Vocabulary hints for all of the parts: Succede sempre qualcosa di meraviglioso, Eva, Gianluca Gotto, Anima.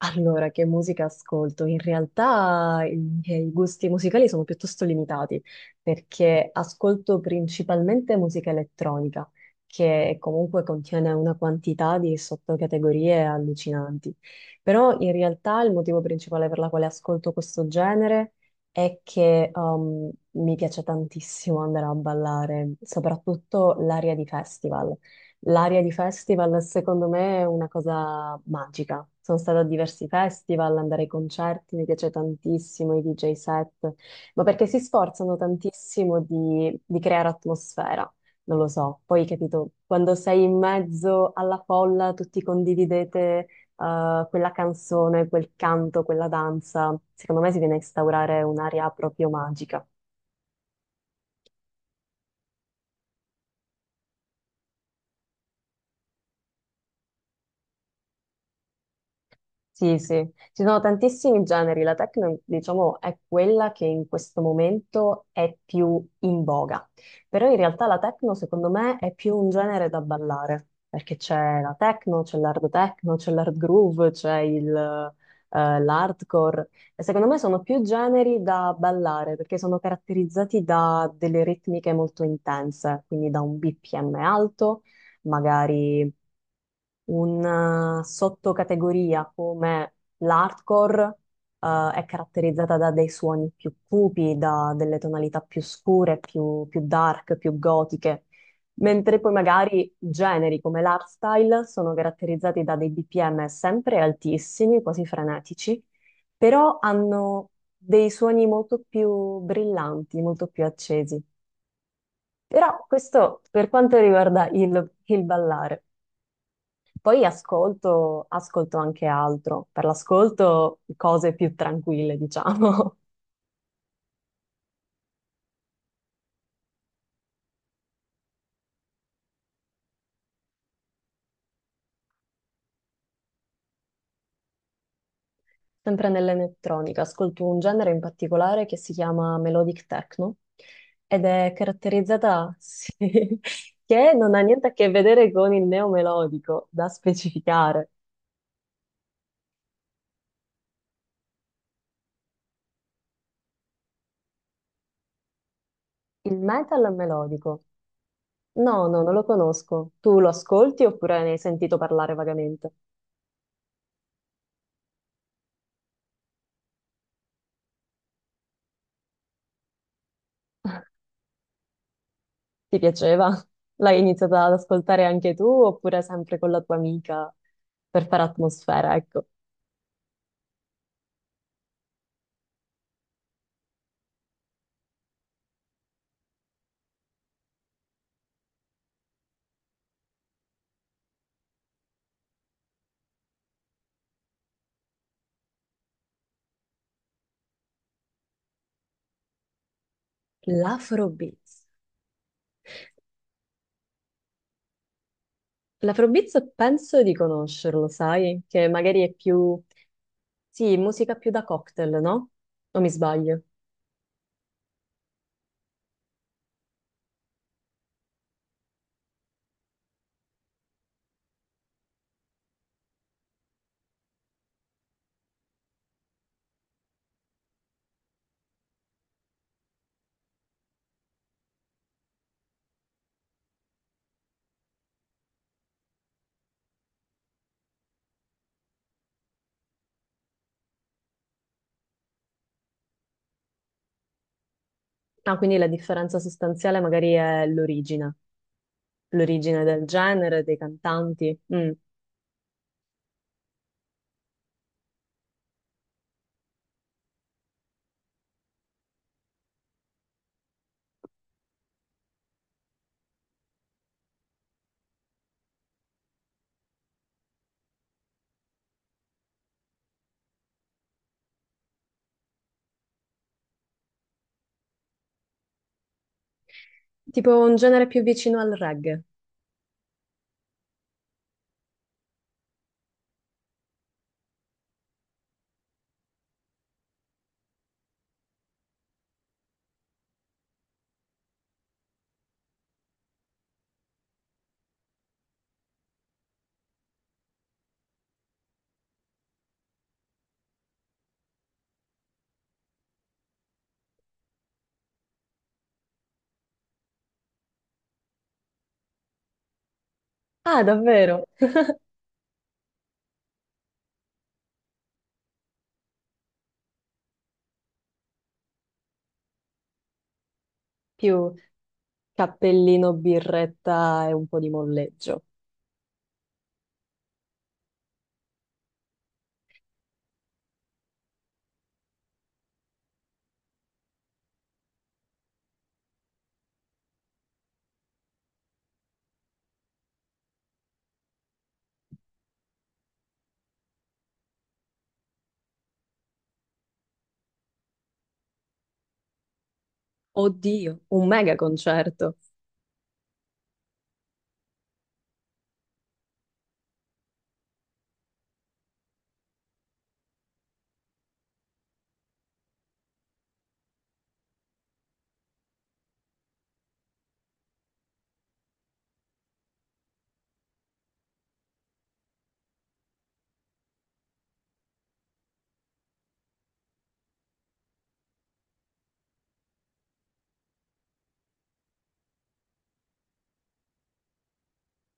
Allora, che musica ascolto? In realtà i miei gusti musicali sono piuttosto limitati perché ascolto principalmente musica elettronica, che comunque contiene una quantità di sottocategorie allucinanti. Però in realtà il motivo principale per la quale ascolto questo genere è che mi piace tantissimo andare a ballare, soprattutto l'area di festival. L'aria di festival secondo me è una cosa magica. Sono stata a diversi festival, andare ai concerti, mi piace tantissimo i DJ set, ma perché si sforzano tantissimo di, creare atmosfera, non lo so. Poi, capito, quando sei in mezzo alla folla, tutti condividete quella canzone, quel canto, quella danza, secondo me si viene a instaurare un'aria proprio magica. Sì, sì, ci sono tantissimi generi, la techno, diciamo, è quella che in questo momento è più in voga, però in realtà la techno secondo me è più un genere da ballare, perché c'è la techno, c'è l'hard groove, c'è l'hardcore, e secondo me sono più generi da ballare, perché sono caratterizzati da delle ritmiche molto intense, quindi da un BPM alto, magari una sottocategoria come l'hardcore, è caratterizzata da dei suoni più cupi, da delle tonalità più scure, più dark, più gotiche, mentre poi magari generi come l'hardstyle sono caratterizzati da dei BPM sempre altissimi, quasi frenetici, però hanno dei suoni molto più brillanti, molto più accesi. Però questo per quanto riguarda il ballare. Poi ascolto, ascolto anche altro, per l'ascolto cose più tranquille, diciamo, sempre nell'elettronica. Ascolto un genere in particolare che si chiama melodic techno ed è caratterizzata, sì, che non ha niente a che vedere con il neomelodico, da specificare. Il metal melodico. No, no, non lo conosco. Tu lo ascolti oppure ne hai sentito parlare vagamente? Ti piaceva? L'hai iniziata ad ascoltare anche tu oppure sempre con la tua amica per fare atmosfera, ecco. L'Afrobeats. L'Afrobeats penso di conoscerlo, sai? Che magari è più... Sì, musica più da cocktail, no? O mi sbaglio? Ah, quindi la differenza sostanziale magari è l'origine, l'origine del genere, dei cantanti. Mm. Tipo un genere più vicino al reggae. Ah, davvero? Più cappellino, birretta e un po' di molleggio. Oddio, un mega concerto.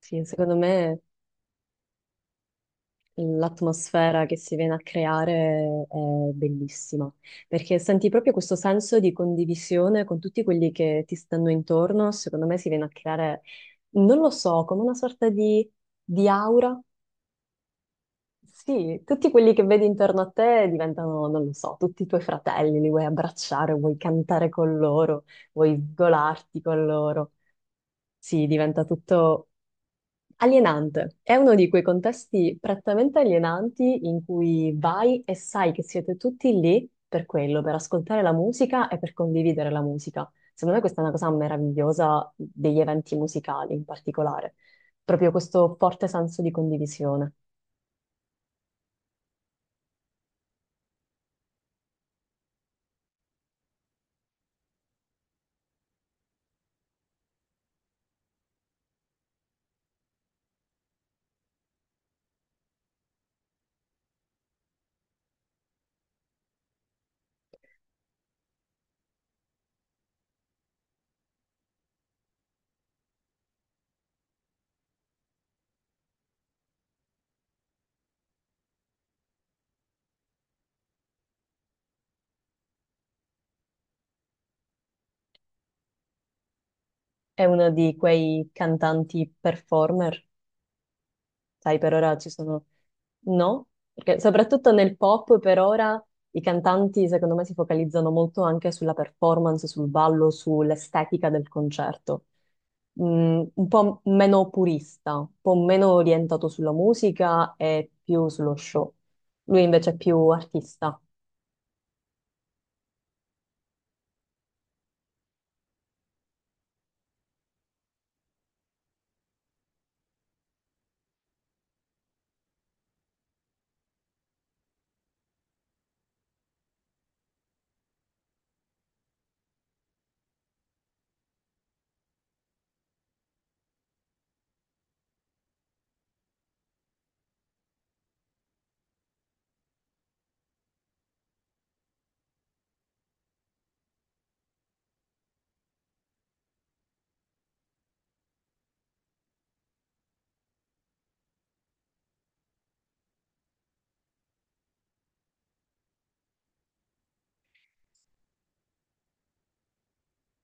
Sì, secondo me l'atmosfera che si viene a creare è bellissima, perché senti proprio questo senso di condivisione con tutti quelli che ti stanno intorno. Secondo me si viene a creare, non lo so, come una sorta di aura. Sì, tutti quelli che vedi intorno a te diventano, non lo so, tutti i tuoi fratelli, li vuoi abbracciare, vuoi cantare con loro, vuoi sgolarti con loro. Sì, diventa tutto alienante. È uno di quei contesti prettamente alienanti in cui vai e sai che siete tutti lì per quello, per ascoltare la musica e per condividere la musica. Secondo me questa è una cosa meravigliosa degli eventi musicali in particolare, proprio questo forte senso di condivisione. È uno di quei cantanti performer. Sai, per ora ci sono... No? Perché soprattutto nel pop per ora i cantanti secondo me si focalizzano molto anche sulla performance, sul ballo, sull'estetica del concerto. Mm, un po' meno purista, un po' meno orientato sulla musica e più sullo show. Lui invece è più artista.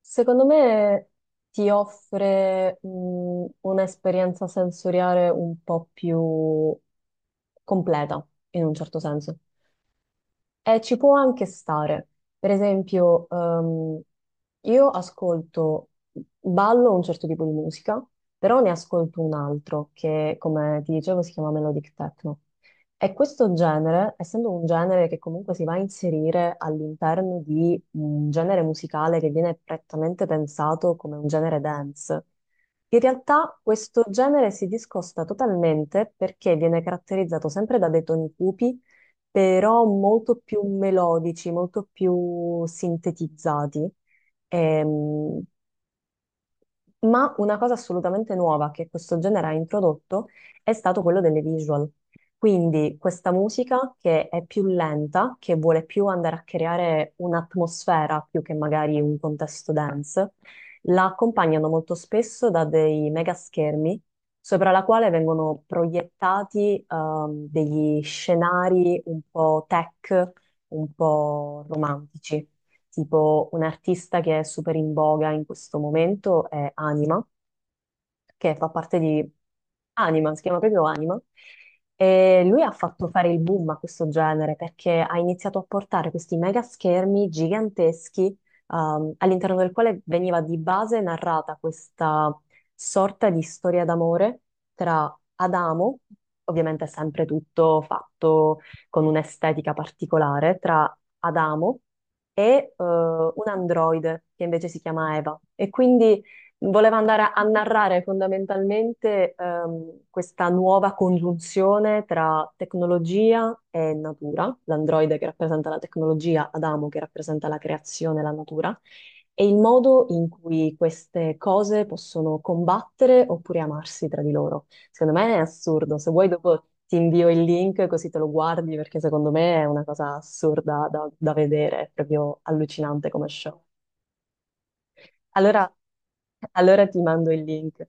Secondo me ti offre un'esperienza sensoriale un po' più completa, in un certo senso. Ci può anche stare. Per esempio, io ascolto, ballo un certo tipo di musica, però ne ascolto un altro che, come ti dicevo, si chiama Melodic Techno. E questo genere, essendo un genere che comunque si va a inserire all'interno di un genere musicale che viene prettamente pensato come un genere dance, in realtà questo genere si discosta totalmente perché viene caratterizzato sempre da dei toni cupi però molto più melodici, molto più sintetizzati. Ehm, ma una cosa assolutamente nuova che questo genere ha introdotto è stato quello delle visual. Quindi questa musica che è più lenta, che vuole più andare a creare un'atmosfera più che magari un contesto dance, la accompagnano molto spesso da dei mega schermi sopra la quale vengono proiettati degli scenari un po' tech, un po' romantici. Tipo un artista che è super in voga in questo momento è Anima, che fa parte di Anima, si chiama proprio Anima, e lui ha fatto fare il boom a questo genere perché ha iniziato a portare questi mega schermi giganteschi, all'interno del quale veniva di base narrata questa sorta di storia d'amore tra Adamo, ovviamente sempre tutto fatto con un'estetica particolare, tra Adamo e un androide che invece si chiama Eva. E quindi voleva andare a narrare fondamentalmente questa nuova congiunzione tra tecnologia e natura, l'androide che rappresenta la tecnologia, Adamo che rappresenta la creazione e la natura, e il modo in cui queste cose possono combattere oppure amarsi tra di loro. Secondo me è assurdo, se vuoi dopo ti invio il link così te lo guardi perché secondo me è una cosa assurda da, da vedere, è proprio allucinante come show. Allora, allora ti mando il link.